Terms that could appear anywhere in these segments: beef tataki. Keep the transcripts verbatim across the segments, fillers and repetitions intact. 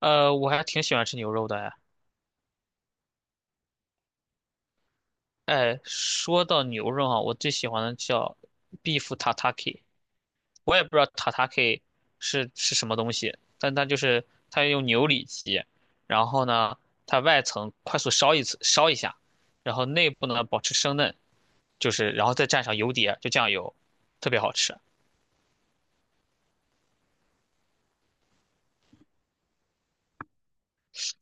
呃，我还挺喜欢吃牛肉的哎。哎，说到牛肉啊，我最喜欢的叫 beef tataki,我也不知道 tataki 是是什么东西，但它就是它用牛里脊，然后呢，它外层快速烧一次烧一下，然后内部呢保持生嫩，就是然后再蘸上油碟，就酱油，特别好吃。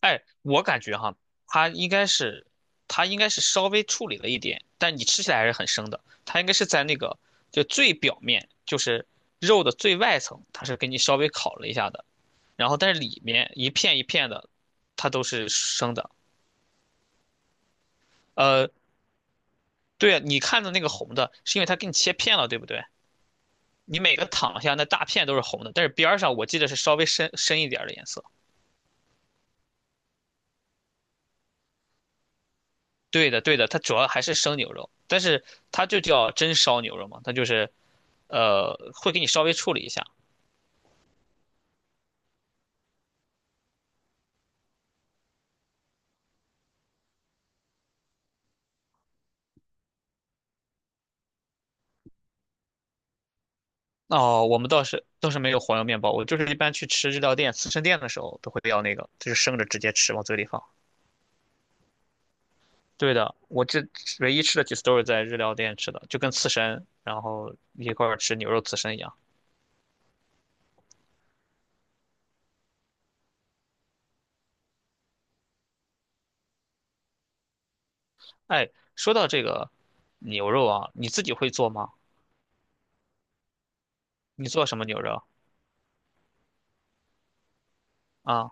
哎，我感觉哈，它应该是，它应该是稍微处理了一点，但你吃起来还是很生的。它应该是在那个就最表面，就是肉的最外层，它是给你稍微烤了一下的。然后但是里面一片一片的，它都是生的。呃，对啊，你看的那个红的，是因为它给你切片了，对不对？你每个躺下那大片都是红的，但是边儿上我记得是稍微深深一点儿的颜色。对的，对的，它主要还是生牛肉，但是它就叫真烧牛肉嘛，它就是呃会给你稍微处理一下。哦，我们倒是倒是没有黄油面包，我就是一般去吃日料店、刺身店的时候都会要那个，就是生着直接吃，往嘴里放。对的，我这唯一吃的几次都是在日料店吃的，就跟刺身，然后一块儿吃牛肉刺身一样。哎，说到这个牛肉啊，你自己会做吗？你做什么牛肉啊？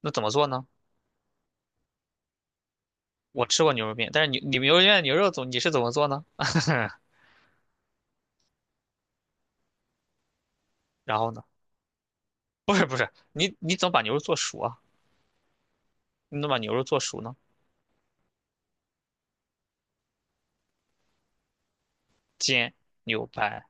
那怎么做呢？我吃过牛肉面，但是你你们牛肉面的牛肉总你是怎么做呢？然后呢？不是不是，你你怎么把牛肉做熟啊？你怎么把牛肉做熟呢？煎、牛排，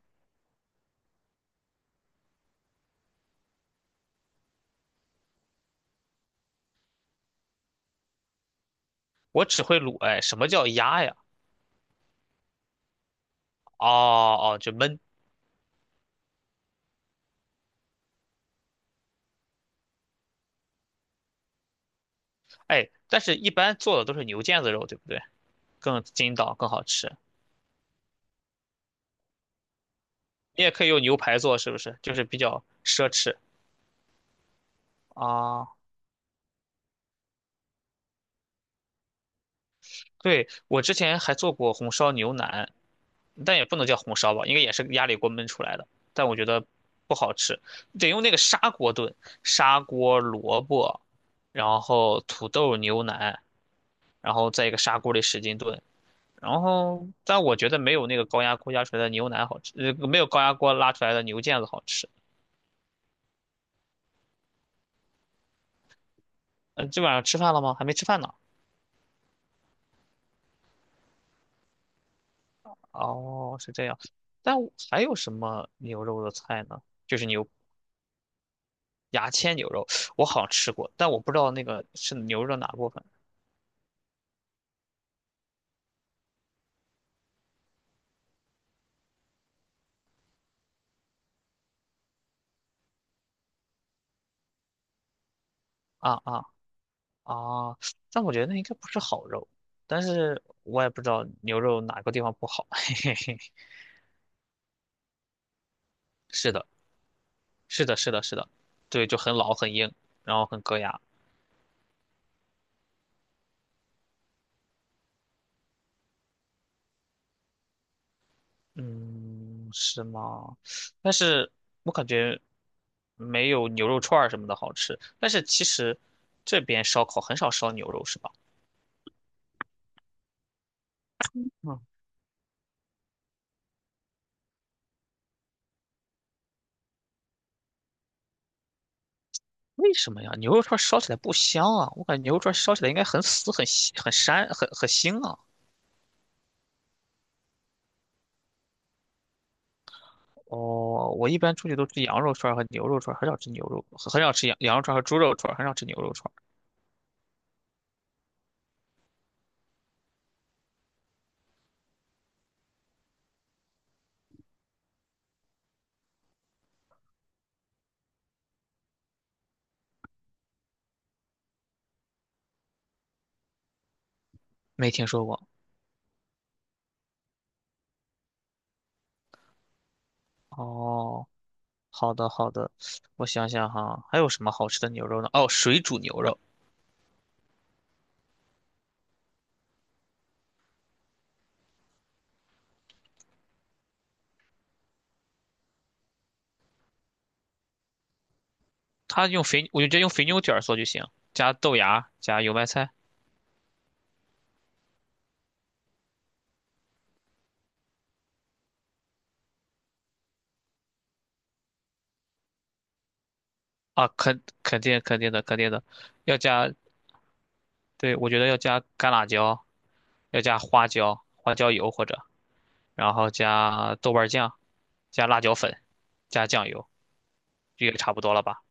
我只会卤。哎，什么叫压呀？哦哦，就焖。哎，但是一般做的都是牛腱子肉，对不对？更筋道，更好吃。你也可以用牛排做，是不是？就是比较奢侈啊。对，我之前还做过红烧牛腩，但也不能叫红烧吧，应该也是压力锅焖出来的，但我觉得不好吃，得用那个砂锅炖，砂锅萝卜，然后土豆牛腩，然后在一个砂锅里使劲炖，然后但我觉得没有那个高压锅压出来的牛腩好吃，呃，没有高压锅拉出来的牛腱子好吃。嗯、这晚上吃饭了吗？还没吃饭呢。哦，是这样。但我还有什么牛肉的菜呢？就是牛牙签牛肉，我好像吃过，但我不知道那个是牛肉的哪部分。啊啊啊，但我觉得那应该不是好肉，但是我也不知道牛肉哪个地方不好。是的，是的，是的，是的，对，就很老很硬，然后很硌牙。嗯，是吗？但是我感觉没有牛肉串儿什么的好吃。但是其实这边烧烤很少烧牛肉，是吧？嗯，为什么呀？牛肉串儿烧起来不香啊？我感觉牛肉串儿烧起来应该很死、很腥很膻、很很腥啊。哦，我一般出去都吃羊肉串儿和牛肉串儿，很少吃牛肉，很很少吃羊羊肉串儿和猪肉串儿，很少吃牛肉串儿。没听说过。哦，好的好的，我想想哈，还有什么好吃的牛肉呢？哦，水煮牛肉，它用肥，我就直接用肥牛卷儿做就行，加豆芽，加油麦菜啊，肯肯定肯定的肯定的，要加，对，我觉得要加干辣椒，要加花椒，花椒油或者，然后加豆瓣酱，加辣椒粉，加酱油，这个差不多了吧？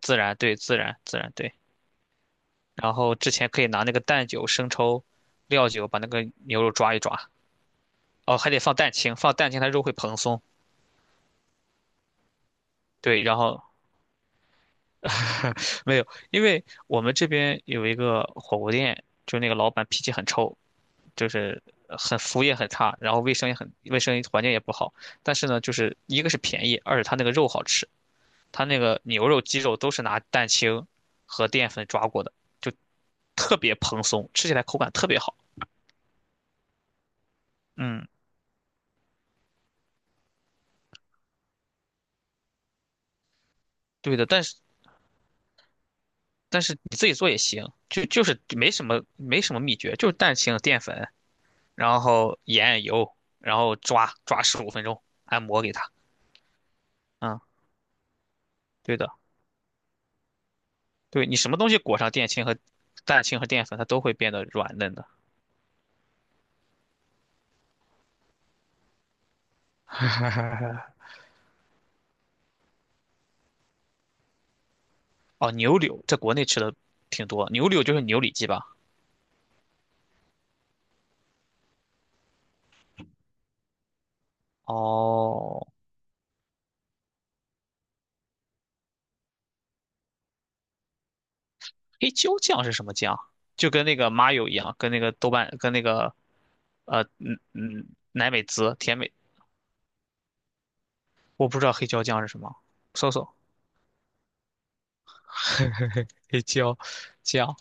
自然，对，自然，自然，对。然后之前可以拿那个蛋酒、生抽、料酒把那个牛肉抓一抓。哦，还得放蛋清，放蛋清它肉会蓬松。对，然后 没有，因为我们这边有一个火锅店，就那个老板脾气很臭，就是呃很服务也很差，然后卫生也很卫生环境也不好。但是呢，就是一个是便宜，二是他那个肉好吃，他那个牛肉、鸡肉都是拿蛋清和淀粉抓过的，就特别蓬松，吃起来口感特别好。嗯。对的，但是但是你自己做也行，就就是没什么没什么秘诀，就是蛋清、淀粉，然后盐、油，然后抓抓十五分钟，按摩给它。嗯，对的，对你什么东西裹上蛋清和蛋清和淀粉，它都会变得软嫩的。哦，牛柳在国内吃的挺多，牛柳就是牛里脊吧？哦，黑椒酱是什么酱？就跟那个麻油一样，跟那个豆瓣，跟那个呃嗯嗯奶美滋、甜美，我不知道黑椒酱是什么，搜搜。黑椒酱，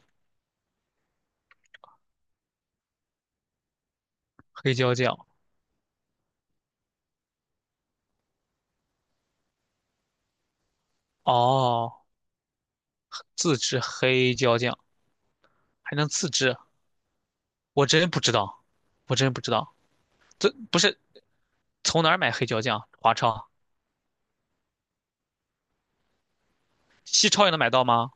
黑椒酱，哦，自制黑椒酱还能自制，我真不知道，我真不知道，这不是从哪儿买黑椒酱？华超、西超也能买到吗？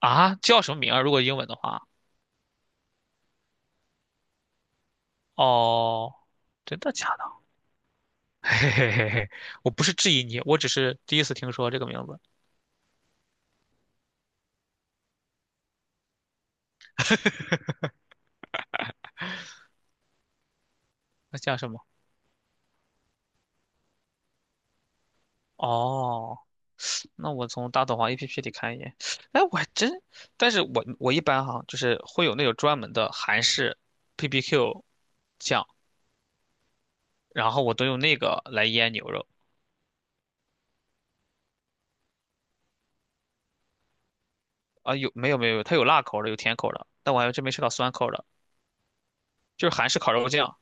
啊，叫什么名儿啊？如果英文的话，哦，真的假的？嘿嘿嘿嘿我不是质疑你，我只是第一次听说这个名字，那叫什么？哦，那我从大董行 A P P 里看一眼。哎，我还真，但是我我一般哈，就是会有那种专门的韩式 p p q 酱，然后我都用那个来腌牛肉啊。有没有没有，它有辣口的，有甜口的，但我还真没吃到酸口的，就是韩式烤肉酱，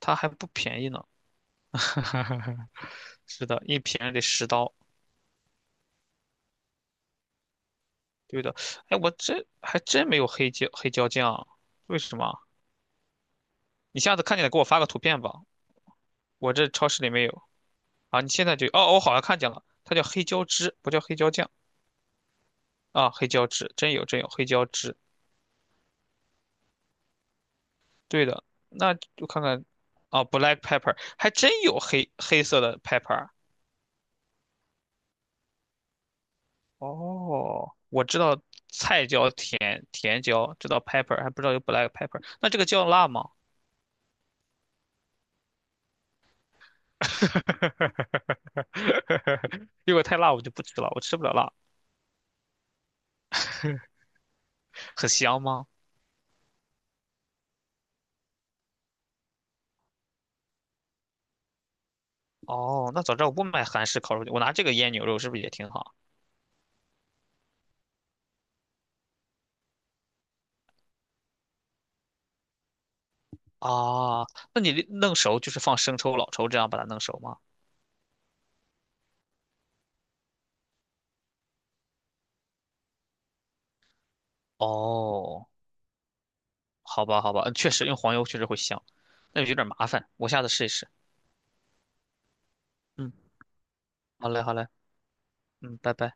它还不便宜呢。是的，一瓶得十刀。对的，哎，我这还真没有黑椒黑椒酱啊，为什么啊？你下次看见了给我发个图片吧，我这超市里没有。啊，你现在就哦，我好像看见了，它叫黑椒汁，不叫黑椒酱啊，黑椒汁，真有真有黑椒汁，对的，那就看看啊，black pepper 还真有黑黑色的 pepper,啊哦，我知道菜椒甜甜椒，知道 pepper,还不知道有 black pepper,那这个叫辣吗？如果太辣我就不吃了，我吃不了辣，很香吗？哦，那早知道我不买韩式烤肉，我拿这个腌牛肉是不是也挺好？啊，那你弄熟就是放生抽、老抽这样把它弄熟吗？哦，好吧，好吧，嗯确实用黄油确实会香，那有点麻烦，我下次试一试。嗯，好嘞，好嘞，嗯，拜拜。